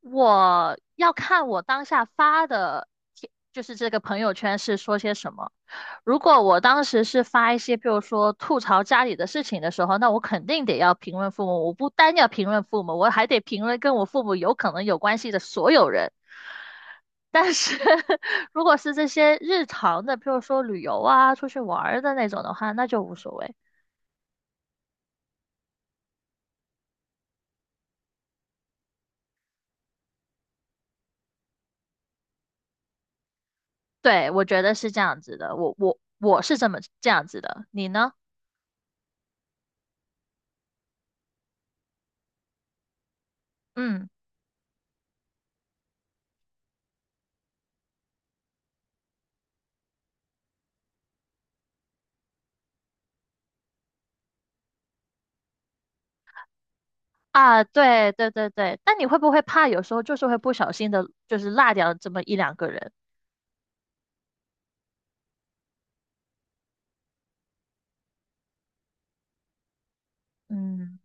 我要看我当下发的贴就是这个朋友圈是说些什么。如果我当时是发一些，比如说吐槽家里的事情的时候，那我肯定得要评论父母。我不单要评论父母，我还得评论跟我父母有可能有关系的所有人。但是 如果是这些日常的，比如说旅游啊、出去玩儿的那种的话，那就无所谓。对，我觉得是这样子的，我是这么这样子的，你呢？嗯。啊，对对对对，但你会不会怕有时候就是会不小心的，就是落掉这么一两个人？嗯。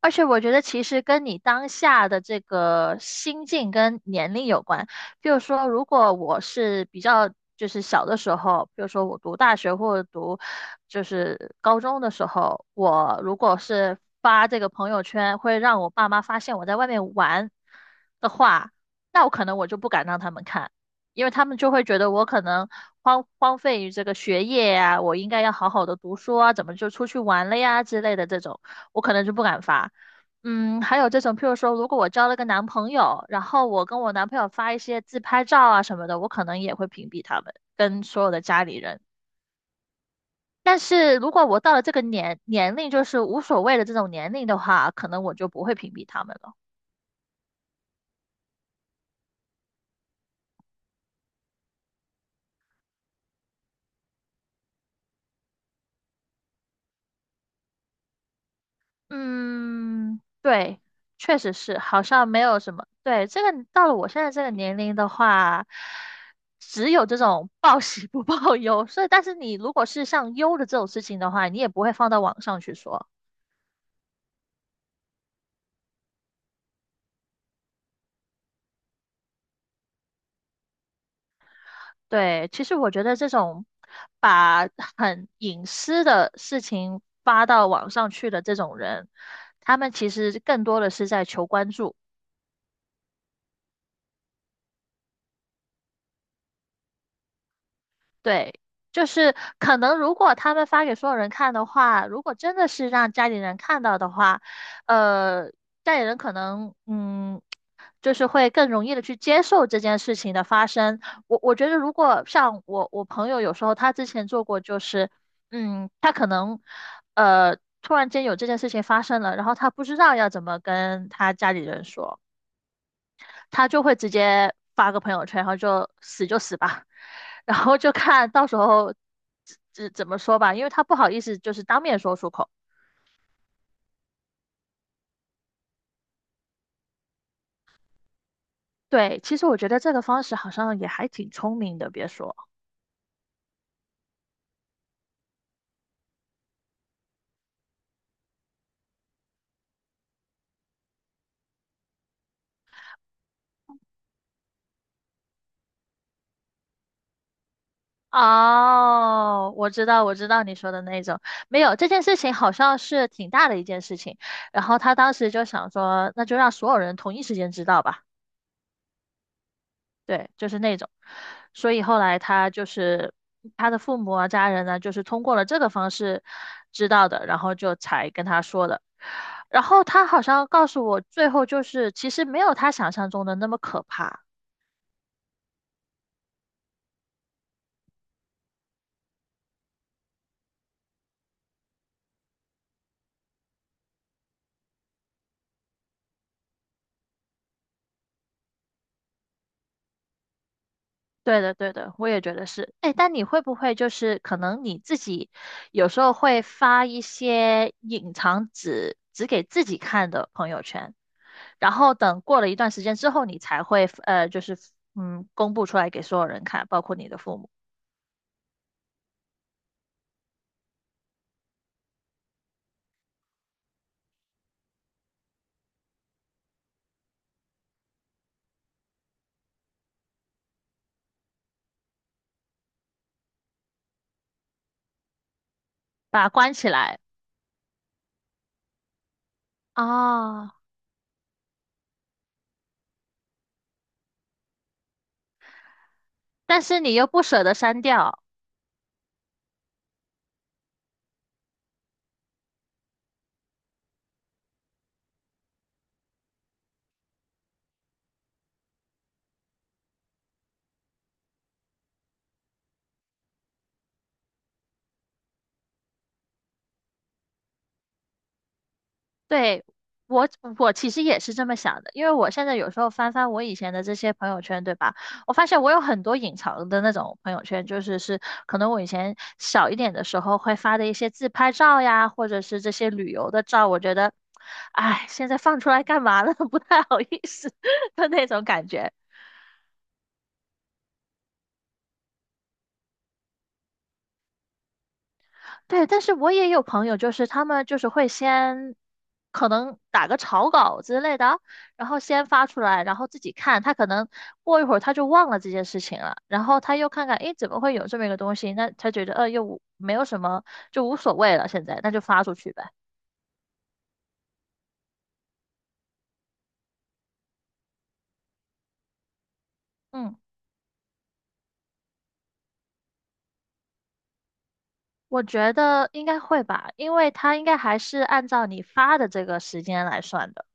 而且我觉得其实跟你当下的这个心境跟年龄有关。比如说，如果我是比较就是小的时候，比如说我读大学或者读就是高中的时候，我如果是发这个朋友圈，会让我爸妈发现我在外面玩的话，那我可能我就不敢让他们看，因为他们就会觉得我可能荒废于这个学业呀、我应该要好好的读书啊，怎么就出去玩了呀之类的这种。我可能就不敢发。嗯，还有这种，譬如说，如果我交了个男朋友，然后我跟我男朋友发一些自拍照啊什么的，我可能也会屏蔽他们跟所有的家里人。但是如果我到了这个年龄，就是无所谓的这种年龄的话，可能我就不会屏蔽他们了。嗯，对，确实是，好像没有什么。对，这个到了我现在这个年龄的话，只有这种报喜不报忧。所以，但是你如果是像忧的这种事情的话，你也不会放到网上去说。对，其实我觉得这种把很隐私的事情发到网上去的这种人，他们其实更多的是在求关注。对，就是可能如果他们发给所有人看的话，如果真的是让家里人看到的话，呃，家里人可能嗯，就是会更容易的去接受这件事情的发生。我觉得，如果像我朋友有时候他之前做过，就是嗯，他可能突然间有这件事情发生了，然后他不知道要怎么跟他家里人说。他就会直接发个朋友圈，然后就死就死吧，然后就看到时候怎么说吧，因为他不好意思就是当面说出口。对，其实我觉得这个方式好像也还挺聪明的，别说。哦，我知道，我知道你说的那种，没有，这件事情好像是挺大的一件事情，然后他当时就想说，那就让所有人同一时间知道吧。对，就是那种。所以后来他就是他的父母啊、家人呢，就是通过了这个方式知道的，然后就才跟他说的。然后他好像告诉我，最后就是其实没有他想象中的那么可怕。对的，对的，我也觉得是。哎，但你会不会就是可能你自己有时候会发一些隐藏只给自己看的朋友圈，然后等过了一段时间之后，你才会就是嗯，公布出来给所有人看，包括你的父母，把它关起来啊，但是你又不舍得删掉。对，我我其实也是这么想的，因为我现在有时候翻翻我以前的这些朋友圈，对吧？我发现我有很多隐藏的那种朋友圈，就是可能我以前小一点的时候会发的一些自拍照呀，或者是这些旅游的照，我觉得，哎，现在放出来干嘛呢？不太好意思的那种感觉。对，但是我也有朋友，就是他们就是会先可能打个草稿之类的，然后先发出来，然后自己看。他可能过一会儿他就忘了这件事情了，然后他又看看，诶，怎么会有这么一个东西？那他觉得，又无没有什么，就无所谓了，现在那就发出去呗。嗯，我觉得应该会吧，因为他应该还是按照你发的这个时间来算的。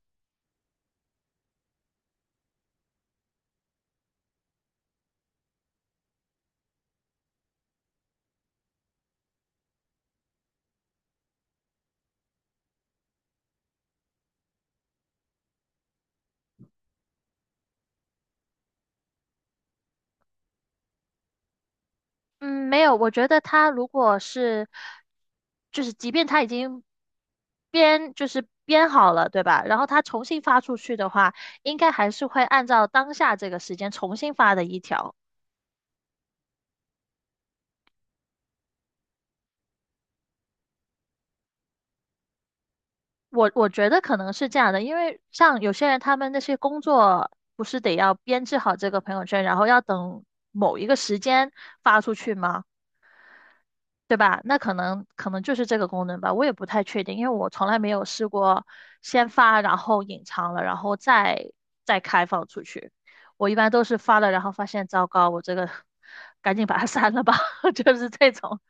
嗯，没有，我觉得他如果是，就是即便他已经就是编好了，对吧？然后他重新发出去的话，应该还是会按照当下这个时间重新发的一条。我觉得可能是这样的，因为像有些人他们那些工作不是得要编制好这个朋友圈，然后要等某一个时间发出去吗？对吧？那可能就是这个功能吧，我也不太确定，因为我从来没有试过先发，然后隐藏了，然后再开放出去。我一般都是发了，然后发现糟糕，我这个 赶紧把它 删了吧，就是这种。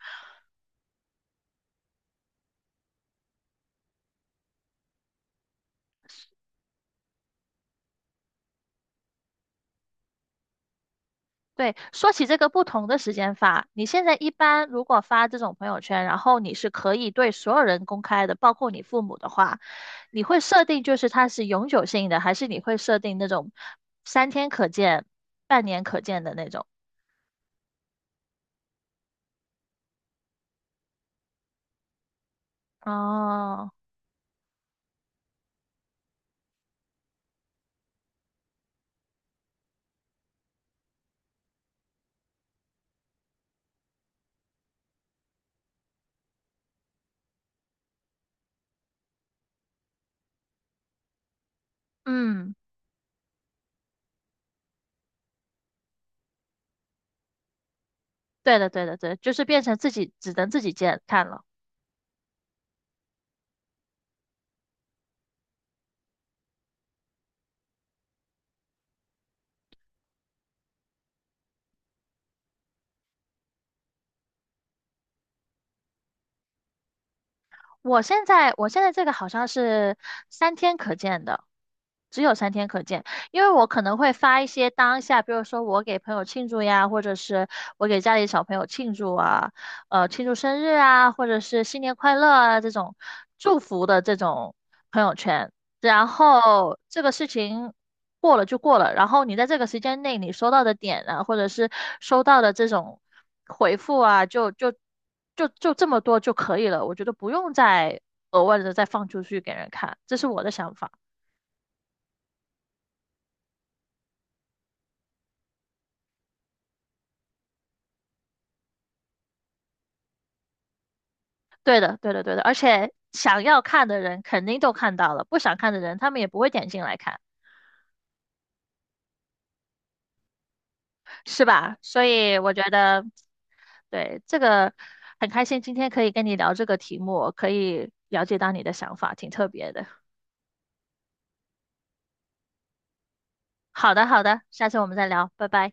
对，说起这个不同的时间发，你现在一般如果发这种朋友圈，然后你是可以对所有人公开的，包括你父母的话，你会设定就是它是永久性的，还是你会设定那种三天可见、半年可见的那种？哦，嗯，对的，对的，对的就是变成自己只能自己见看了。我现在这个好像是三天可见的，只有三天可见，因为我可能会发一些当下，比如说我给朋友庆祝呀，或者是我给家里小朋友庆祝啊，庆祝生日啊，或者是新年快乐啊这种祝福的这种朋友圈。然后这个事情过了就过了，然后你在这个时间内你收到的点啊，或者是收到的这种回复啊，就这么多就可以了，我觉得不用再额外的再放出去给人看，这是我的想法。对的，对的，对的，而且想要看的人肯定都看到了，不想看的人他们也不会点进来看，是吧？所以我觉得，对，这个很开心，今天可以跟你聊这个题目，可以了解到你的想法，挺特别的。好的，好的，下次我们再聊，拜拜。